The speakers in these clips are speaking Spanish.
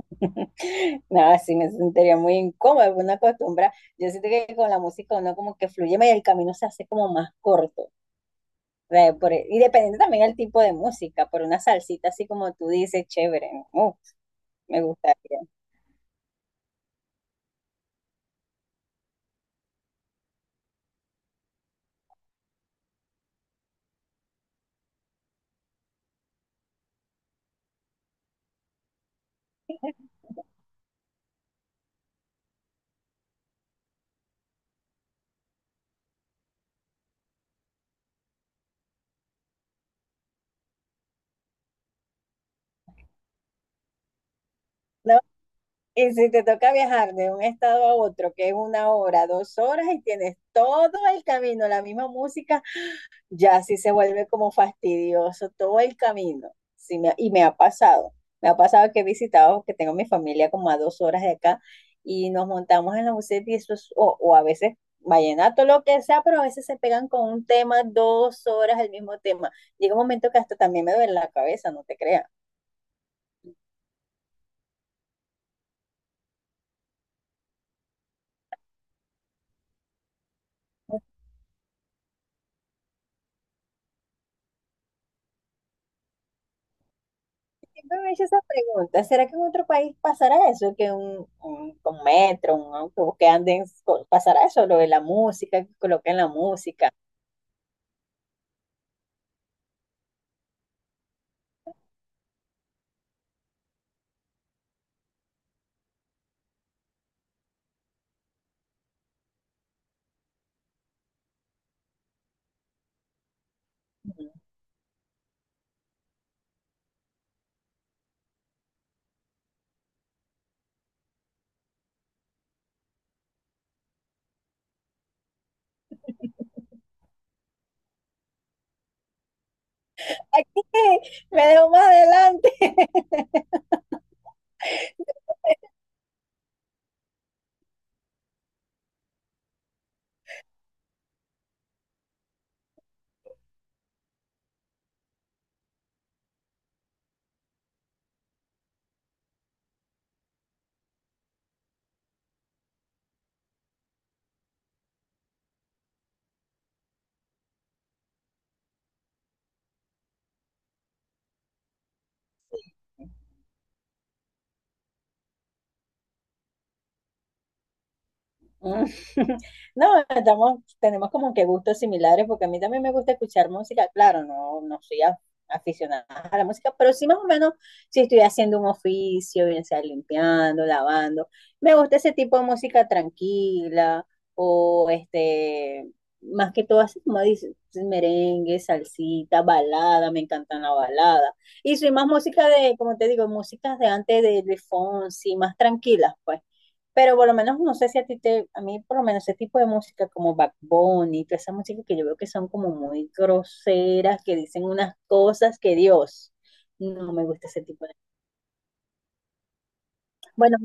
Nada, sí me sentiría muy incómoda, una acostumbra. Yo siento que con la música uno como que fluye más y el camino se hace como más corto. O sea, y dependiendo también del tipo de música, por una salsita así como tú dices, chévere, ¿no? Me gustaría, ¿no? Y si te toca viajar de un estado a otro, que es 1 hora, 2 horas, y tienes todo el camino, la misma música, ya sí se vuelve como fastidioso todo el camino. Sí, y me ha pasado que he visitado, que tengo mi familia como a 2 horas de acá y nos montamos en la buseta y eso es, o a veces vallenato, lo que sea, pero a veces se pegan con un tema 2 horas el mismo tema. Llega un momento que hasta también me duele la cabeza, no te creas. Siempre me he hecho esa pregunta, ¿será que en otro país pasará eso? Que un metro, un autobús que anden, pasará eso, lo de la música, que coloquen la música. Me dejo más adelante. No, estamos, tenemos como que gustos similares porque a mí también me gusta escuchar música. Claro, no, no soy aficionada a la música, pero sí más o menos si estoy haciendo un oficio, bien sea limpiando, lavando, me gusta ese tipo de música tranquila o este, más que todo así como dices, merengue, salsita, balada, me encantan la balada. Y soy más música de, como te digo, músicas de antes de Fonsi, más tranquilas, pues. Pero por lo menos no sé si a ti te, a mí por lo menos ese tipo de música como Backbone y toda esa música que yo veo que son como muy groseras, que dicen unas cosas que Dios, no me gusta ese tipo de... Bueno,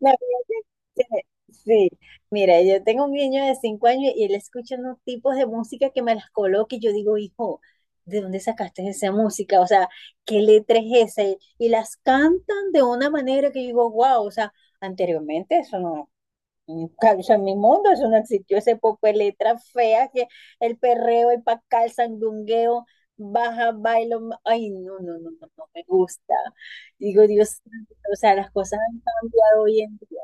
la verdad es sí, mira, yo tengo un niño de 5 años y él escucha unos tipos de música que me las coloca y yo digo, hijo, ¿de dónde sacaste esa música? O sea, ¿qué letra es esa? Y las cantan de una manera que yo digo, wow, o sea, anteriormente eso no, claro, en mi mundo eso no existió, ese poco de letras feas, que el perreo, el pacal, el sandungueo, baja, bailo, ay, no, no, no, no, no me gusta. Digo, Dios, santo, o sea, las cosas han cambiado hoy en día.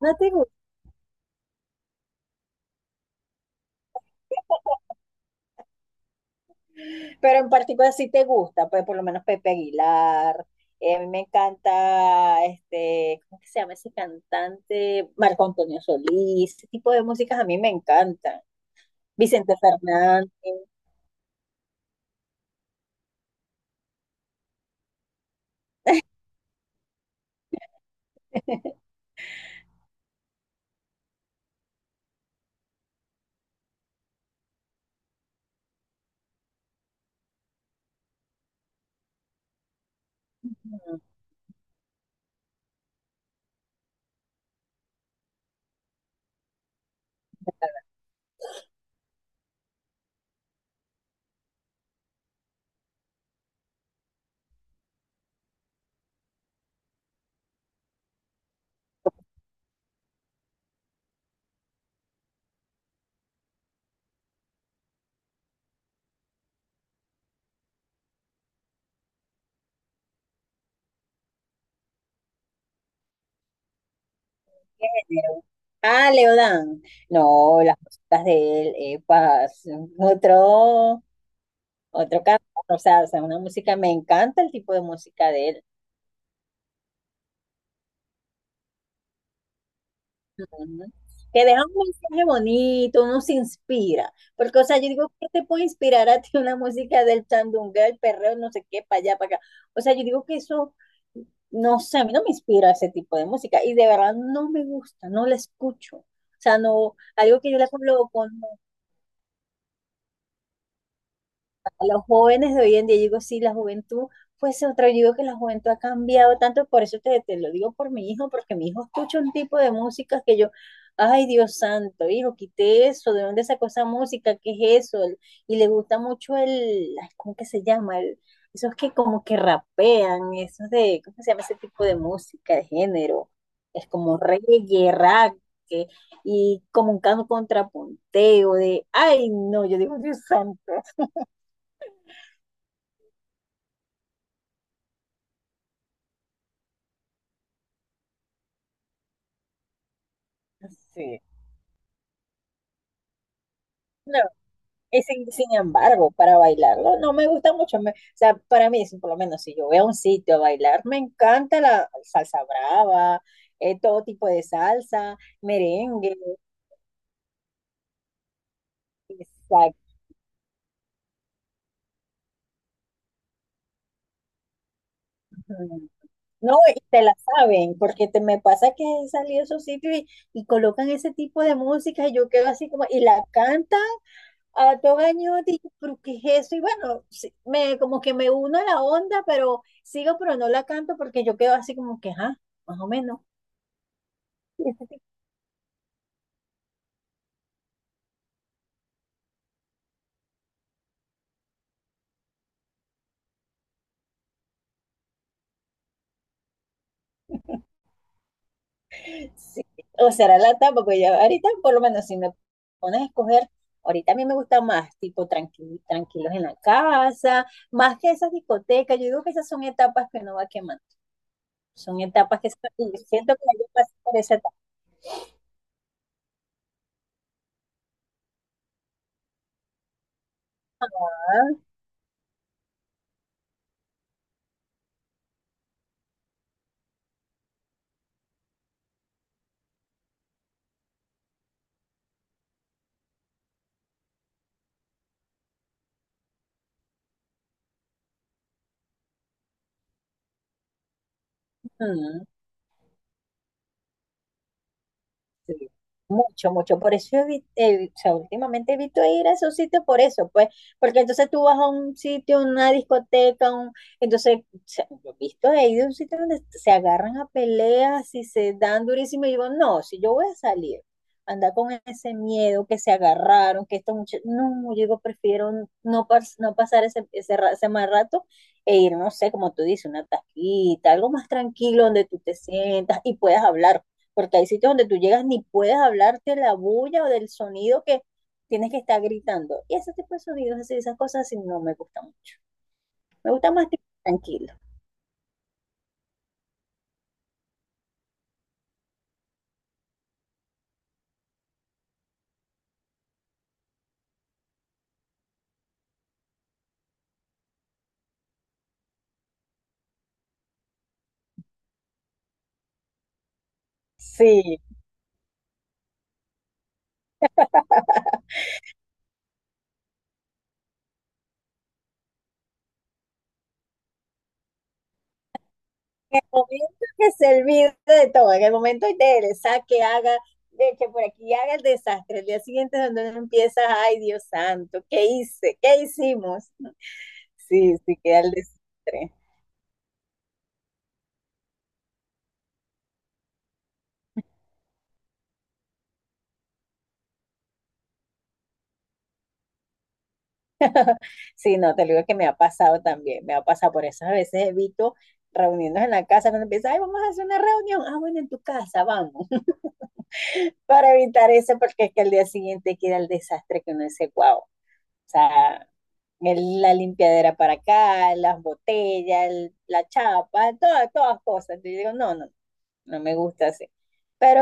No te gusta, pero en particular sí te gusta, pues por lo menos Pepe Aguilar. A mí me encanta, este, ¿cómo que se llama ese cantante? Marco Antonio Solís, ese tipo de músicas a mí me encantan. Vicente Fernández. ¿Qué género? Ah, Leodán. No, las músicas de él, epa, son otro, otro canto. O sea, una música, me encanta el tipo de música de él. Ujú. Que deja un mensaje bonito, uno se inspira. Porque, o sea, yo digo, ¿qué te puede inspirar a ti una música del chandunga, el perreo, no sé qué, para allá, para acá? O sea, yo digo que eso, no sé, a mí no me inspira ese tipo de música. Y de verdad no me gusta, no la escucho. O sea, no, algo que yo la coloco, a los jóvenes de hoy en día, yo digo, sí, la juventud, pues otra, yo digo que la juventud ha cambiado tanto, por eso te lo digo por mi hijo, porque mi hijo escucha un tipo de música que yo, ay Dios santo, hijo, quité eso, ¿de dónde sacó esa música? ¿Qué es eso? Y le gusta mucho el, ay, ¿cómo que se llama? Esos que como que rapean, esos de, ¿cómo se llama ese tipo de música, de género? Es como reggae, rap, que- y como un canto contrapunteo de, ay no, yo digo Dios santo. Sí. No, y sin embargo, para bailarlo no me gusta mucho. O sea, para mí, si por lo menos si yo voy a un sitio a bailar, me encanta la salsa brava, todo tipo de salsa, merengue, exacto. No, y te la saben, porque te me pasa que he salido a esos sitios y colocan ese tipo de música y yo quedo así como, y la cantan. A 2 años es eso y bueno, sí, me, como que me uno a la onda, pero sigo, pero no la canto porque yo quedo así como que, ajá, más o menos. Sí. O será la etapa, porque ya ahorita por lo menos si me pones a escoger, ahorita a mí me gusta más, tipo tranquilos en la casa, más que esas discotecas. Yo digo que esas son etapas que no va quemando, son etapas que y siento que yo pasé por esa etapa. Sí, mucho, mucho. Por eso o sea, últimamente evito ir a esos sitios por eso, pues, porque entonces tú vas a un sitio, una discoteca, un, entonces, o sea, yo he visto he ido a un sitio donde se agarran a peleas y se dan durísimo y digo, no, si yo voy a salir, anda con ese miedo que se agarraron, que esto mucho, no, yo digo, prefiero no, no pasar ese mal rato e ir, no sé, como tú dices, una taquita, algo más tranquilo donde tú te sientas y puedas hablar porque hay sitios donde tú llegas ni puedes hablarte la bulla o del sonido que tienes que estar gritando. Y ese tipo de sonidos, así, esas cosas así, no me gustan mucho. Me gusta más tipo tranquilo. Sí, en el momento que se olvide de todo, en el momento de él, saque, haga, de que por aquí haga el desastre, el día siguiente es donde empiezas, ay Dios santo, ¿qué hice? ¿Qué hicimos? Sí, sí, queda el desastre. Sí, no, te lo digo que me ha pasado también, me ha pasado por eso. A veces evito reunirnos en la casa cuando empieza, ay, vamos a hacer una reunión, ah, bueno, en tu casa, vamos, para evitar eso, porque es que al día siguiente queda el desastre que uno dice, wow, o sea, la limpiadera para acá, las botellas, la chapa, todas cosas. Yo digo, no, no, no me gusta así. Pero